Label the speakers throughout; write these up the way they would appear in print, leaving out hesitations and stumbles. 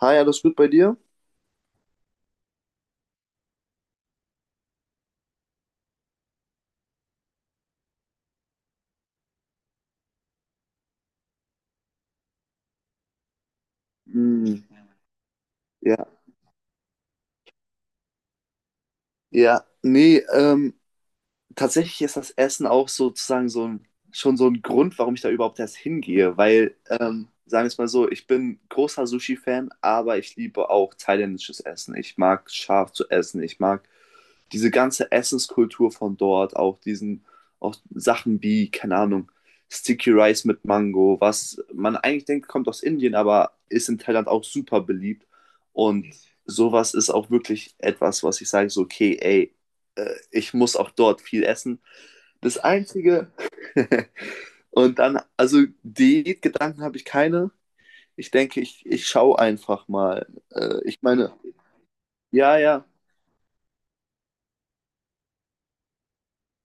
Speaker 1: Hi, alles gut bei dir? Hm, ja, ja, nee, tatsächlich ist das Essen auch sozusagen schon so ein Grund, warum ich da überhaupt erst hingehe, weil, sagen wir es mal so, ich bin großer Sushi-Fan, aber ich liebe auch thailändisches Essen. Ich mag scharf zu essen, ich mag diese ganze Essenskultur von dort, auch Sachen wie, keine Ahnung, Sticky Rice mit Mango, was man eigentlich denkt, kommt aus Indien, aber ist in Thailand auch super beliebt. Und sowas ist auch wirklich etwas, was ich sage, so, okay, ey, ich muss auch dort viel essen. Das Einzige. Und dann, also Diätgedanken habe ich keine. Ich denke, ich schaue einfach mal. Ich meine, ja, ja,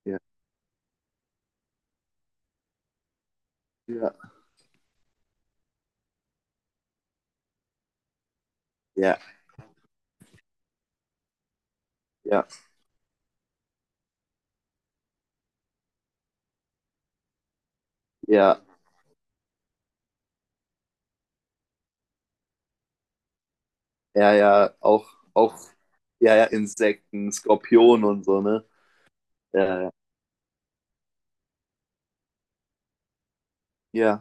Speaker 1: ja, ja, ja, ja, ja, ja, ja, auch, ja, ja, Insekten, Skorpion und so, ne? Ja, ja, ja,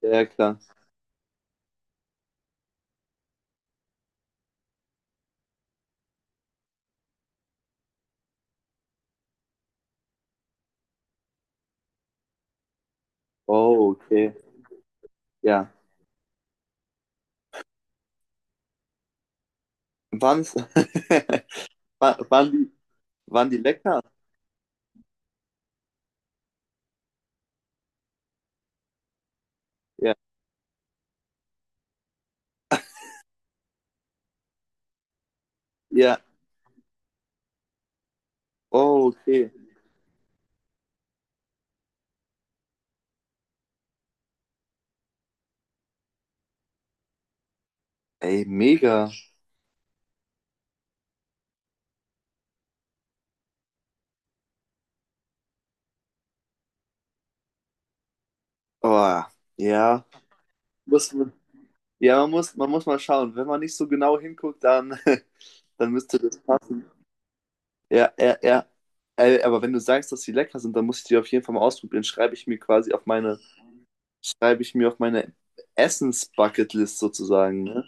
Speaker 1: ja, ja, klar. Oh, okay, ja. Waren's, wa- waren die, waren die lecker? Ja, ja, oh, okay. Ey, mega. Oh, ja. Muss man, ja, man muss mal schauen. Wenn man nicht so genau hinguckt, dann, dann müsste das passen. Ja, ja, ja. Aber wenn du sagst, dass sie lecker sind, dann muss ich die auf jeden Fall mal ausprobieren. Schreibe ich mir auf meine Essens-Bucketlist sozusagen, ne?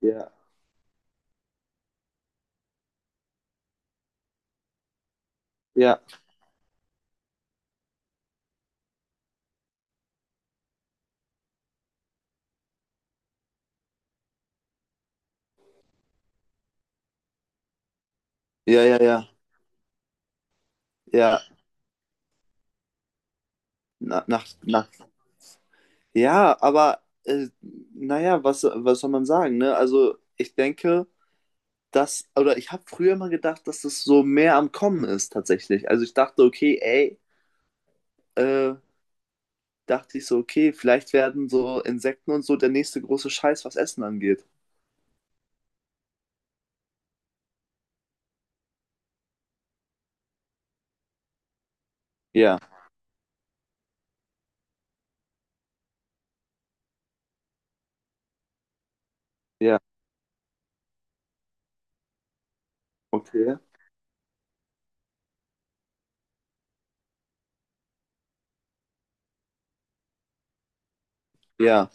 Speaker 1: Ja, ja, ja, ja, ja, ja, na, nach, ja, aber, naja, was soll man sagen, ne? Also, ich denke, oder ich habe früher mal gedacht, dass das so mehr am Kommen ist tatsächlich. Also ich dachte, okay, ey, äh, dachte ich so, okay, vielleicht werden so Insekten und so der nächste große Scheiß, was Essen angeht. Ja, ja, okay. Ja,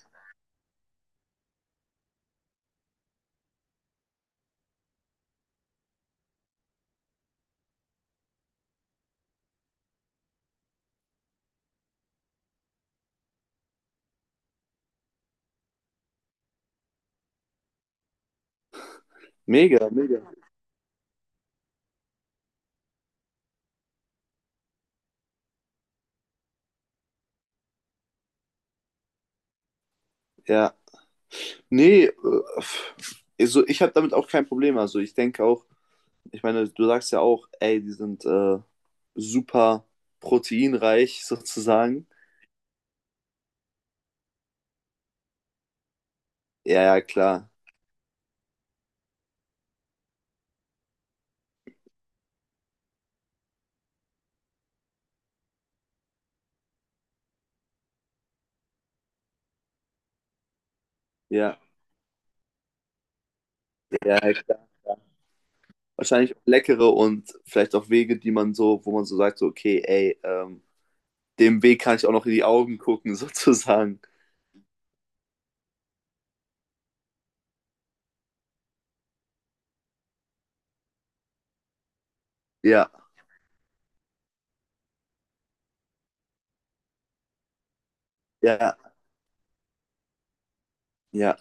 Speaker 1: mega, mega. Ja, nee, pff, also ich habe damit auch kein Problem. Also ich denke auch, ich meine, du sagst ja auch, ey, die sind super proteinreich sozusagen. Ja, ja, klar. Ja, ja, ja, klar. Wahrscheinlich leckere und vielleicht auch Wege, die man so, wo man so sagt, so, okay, ey, dem Weg kann ich auch noch in die Augen gucken, sozusagen. Ja, ja, ja.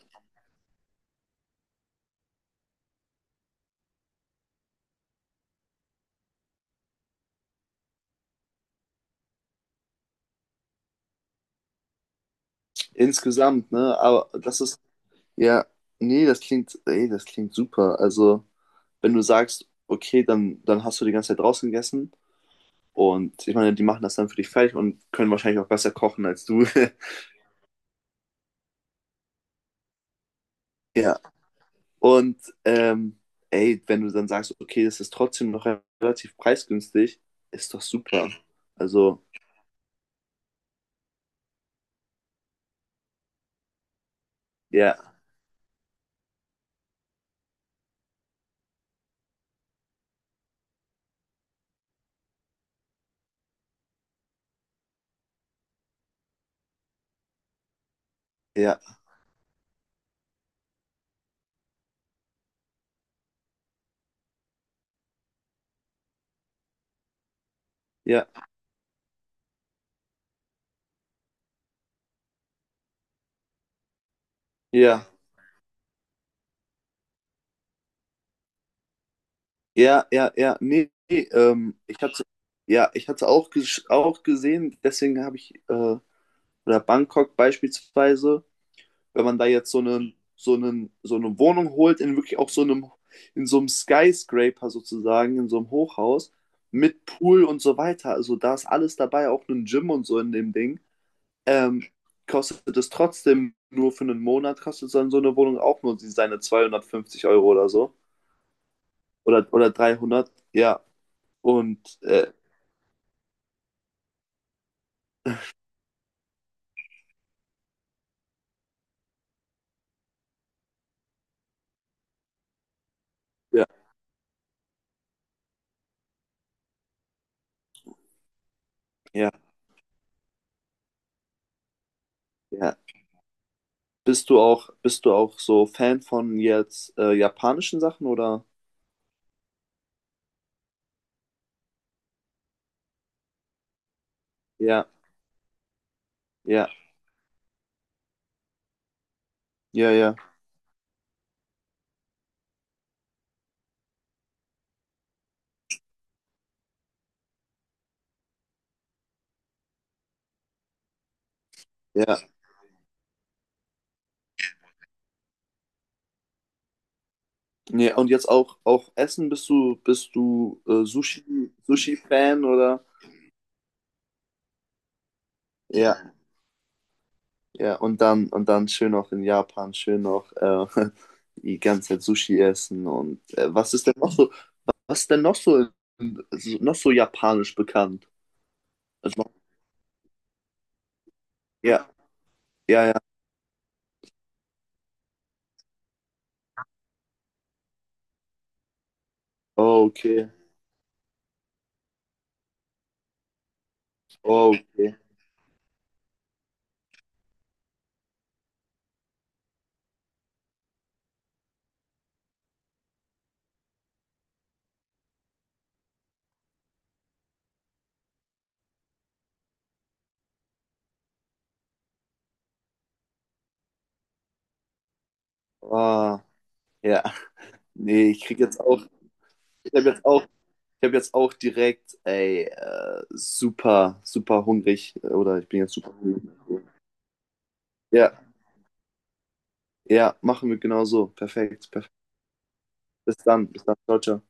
Speaker 1: Insgesamt, ne? Ja, nee, das klingt, ey, das klingt super. Also, wenn du sagst, okay, dann hast du die ganze Zeit draußen gegessen und ich meine, die machen das dann für dich fertig und können wahrscheinlich auch besser kochen als du. Ja. Und ähm, ey, wenn du dann sagst, okay, das ist trotzdem noch relativ preisgünstig, ist doch super. Also, ja, ja, ja, ja, ja, ja, ja, nee, nee, ja, ich hatte auch gesehen, oder Bangkok beispielsweise, wenn man da jetzt so eine Wohnung holt, in so einem Skyscraper sozusagen, in so einem Hochhaus, mit Pool und so weiter, also da ist alles dabei, auch ein Gym und so in dem Ding. ähm, kostet es trotzdem nur für einen Monat, kostet dann so eine Wohnung auch nur seine 250 Euro oder so. Oder 300, ja. Und ja, ja, ja. Bist du auch so Fan von jetzt japanischen Sachen oder? Ja, ja, ja, ja, ja. Nee, und jetzt auch, Essen, bist du Sushi-Fan oder? Ja. Ja, und dann schön noch in Japan, schön noch die ganze Zeit Sushi essen und was ist denn noch so, noch so japanisch bekannt? Also, ja, ja, ja, oh, okay, oh, okay, ah, ja, nee, ich krieg jetzt auch, ich habe jetzt auch, ich habe jetzt auch direkt, ey, super, super hungrig, oder ich bin jetzt super hungrig. Ja, ja, machen wir genau so, perfekt, perfekt. Bis dann, ciao, ciao.